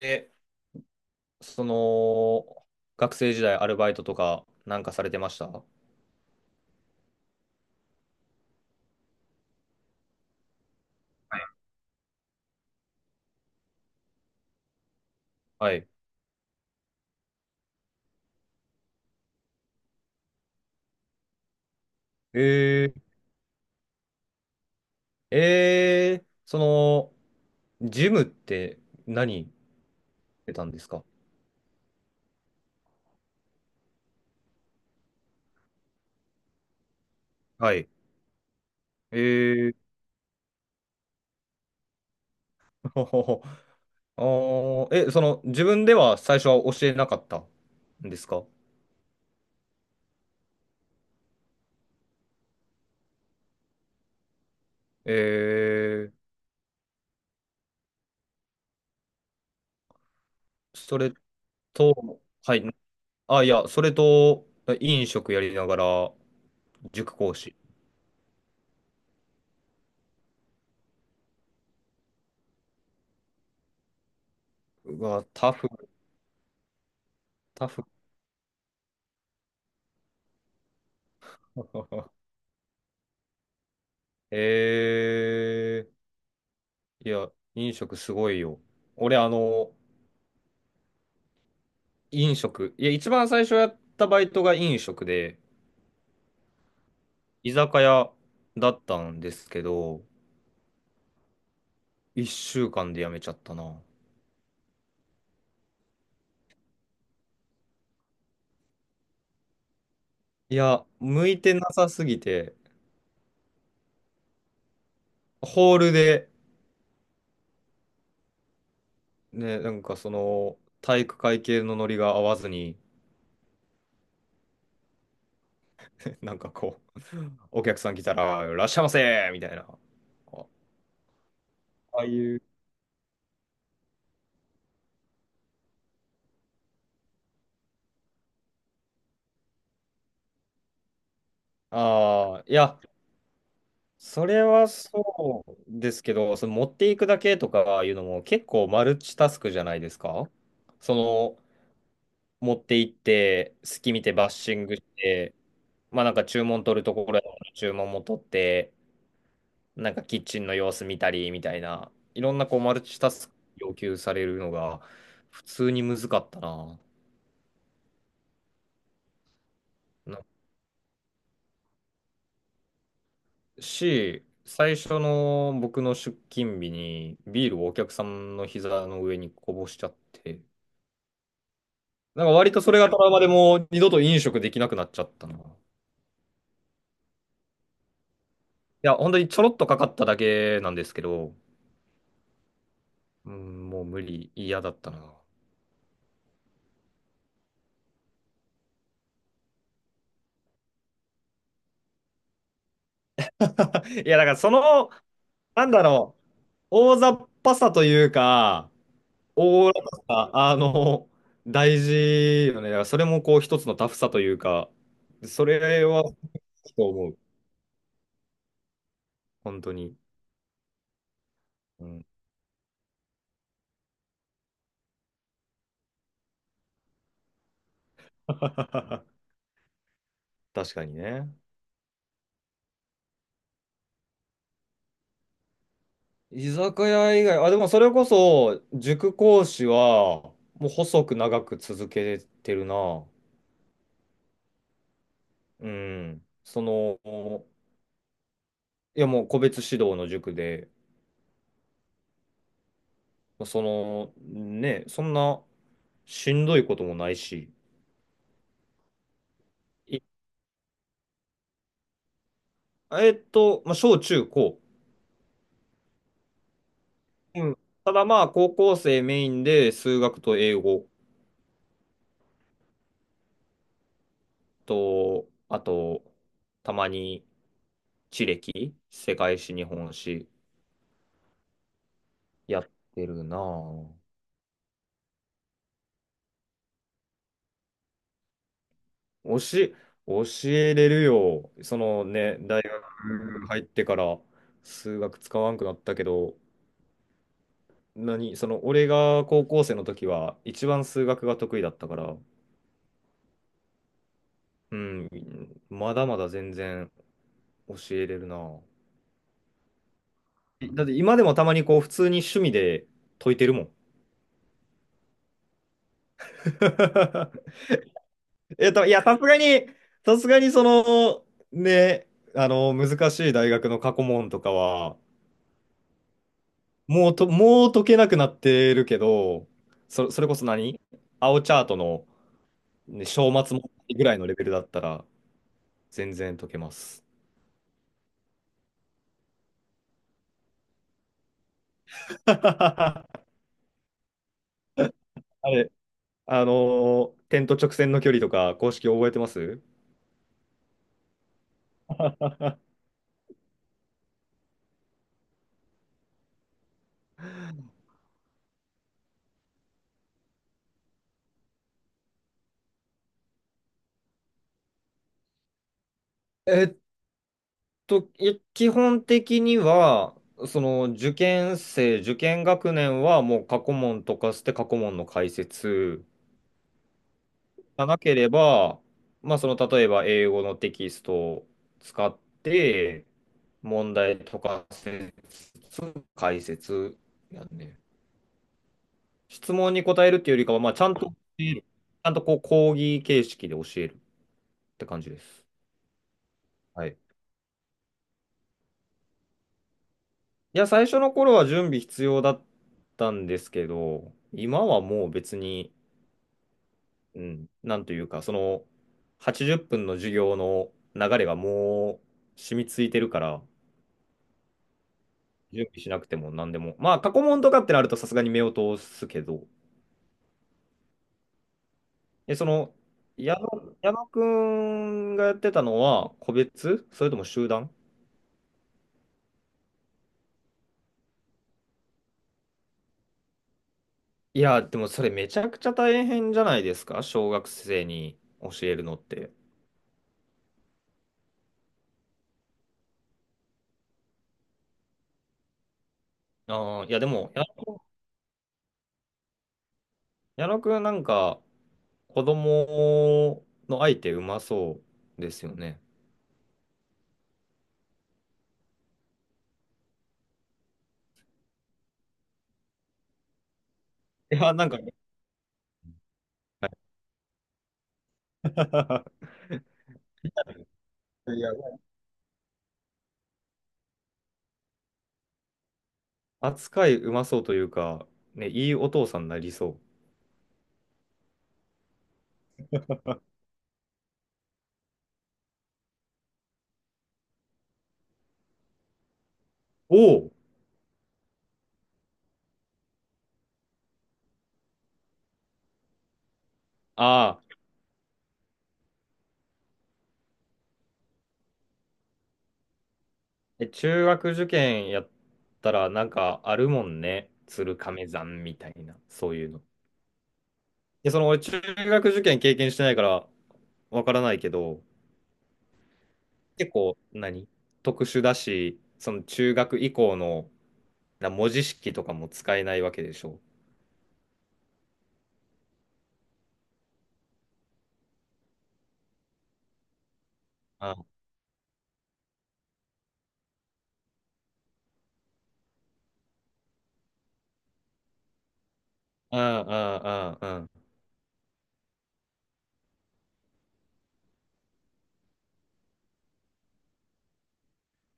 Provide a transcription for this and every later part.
でその、学生時代アルバイトとかなんかされてました？はい。えー、えー、その、ジムって何してたんですか？はい。えー、ほほほあその、自分では最初は教えなかったんですか？えー、それと、はい。あ、いや、それと、飲食やりながら、塾講師。うわ、タフ、タフ。えー、いや、飲食すごいよ。俺、飲食。いや、一番最初やったバイトが飲食で、居酒屋だったんですけど、一週間で辞めちゃったな。いや、向いてなさすぎて、ホールで、ね、体育会系のノリが合わずに、なんかこう、お客さん来たら、いらっしゃいませみたいな。あ、ああいう、ああ、いや、それはそうですけど、その持っていくだけとかいうのも結構マルチタスクじゃないですか？その、持って行って、隙見てバッシングして、まあなんか注文取るところや注文も取って、なんかキッチンの様子見たりみたいな、いろんなこうマルチタスク要求されるのが普通に難かったな。なし、最初の僕の出勤日にビールをお客さんの膝の上にこぼしちゃって、なんか割とそれがトラウマでもう二度と飲食できなくなっちゃったな。いや、本当にちょろっとかかっただけなんですけど、うん、もう無理、嫌だったな。いや、だからその、なんだろう、大雑把さというか、大らかさ、あの、大事よね。だからそれもこう一つのタフさというか、それは、と思う。本当に。うん、確かにね。居酒屋以外、あ、でもそれこそ、塾講師は、もう細く長く続けてるな。うん。その、いやもう個別指導の塾で、その、ね、そんなしんどいこともないし。いえっと、まあ、小中高。うん。ただまあ、高校生メインで数学と英語と、あと、たまに地歴、世界史、日本史やってるな。教え、教えれるよ。そのね、大学入ってから数学使わんくなったけど、何、その俺が高校生の時は一番数学が得意だったから、うん、まだまだ全然教えれるな。だって今でもたまにこう普通に趣味で解いてるもん。えっと、いや、さすがにその、ね、あの、難しい大学の過去問とかは、もう解けなくなってるけど、それこそ何青チャートの、ね、章末問題ぐらいのレベルだったら全然解けます。あれ、あのー、点と直線の距離とか公式覚えてます？えっと、基本的には、受験学年はもう過去問とかして過去問の解説。がなければ、まあ、その例えば英語のテキストを使って問題とかせつ解説やんね。質問に答えるっていうよりかは、まあ、ちゃんとこう講義形式で教えるって感じです。はい。いや、最初の頃は準備必要だったんですけど、今はもう別に、うん、なんというか、その80分の授業の流れがもう染みついてるから、準備しなくても何でも。まあ、過去問とかってなるとさすがに目を通すけど、え、その、矢野くんがやってたのは個別それとも集団？いや、でもそれめちゃくちゃ大変じゃないですか？小学生に教えるのって。ああ、いやでも、矢野くんなんか子供の相手うまそうですよね。いや、なんか、はい。 いや、扱いうまそうというか、ね、いいお父さんになりそう。おお、ああ。え、中学受験やったら、なんかあるもんね。鶴亀山みたいな、そういうの。で、その俺、中学受験経験してないから、わからないけど、結構何、特殊だし、その中学以降のな文字式とかも使えないわけでしょ。あん、あん、あん、あん、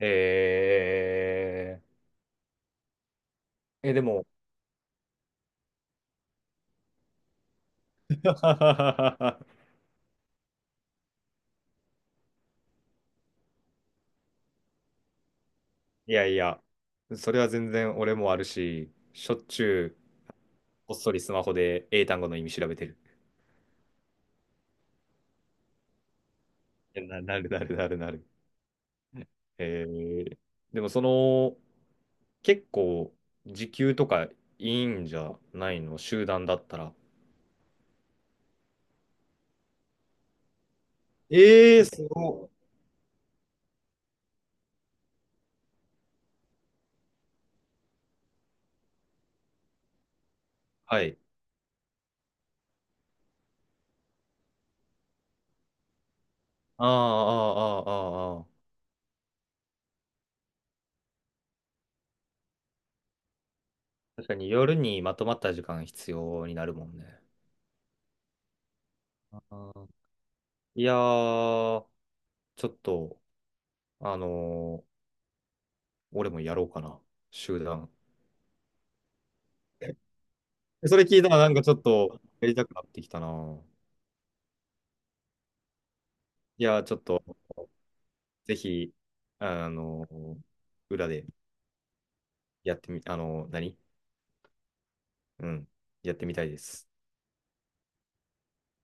えー、え、でも、いやいや、それは全然俺もあるし、しょっちゅう、こっそりスマホで英単語の意味調べてる。な、なるなるなるなる。えー、でもその、結構、時給とかいいんじゃないの集団だったら。ええすごい。はい。ああ、ああ、ああ、ああ。確かに夜にまとまった時間必要になるもんね。あー、いやー、ちょっと、あのー、俺もやろうかな。集団。それ聞いたらなんかちょっとやりたくなってきたな。いやー、ちょっと、ぜひ、あのー、裏でやってみ、あの、何。うん。やってみたいです。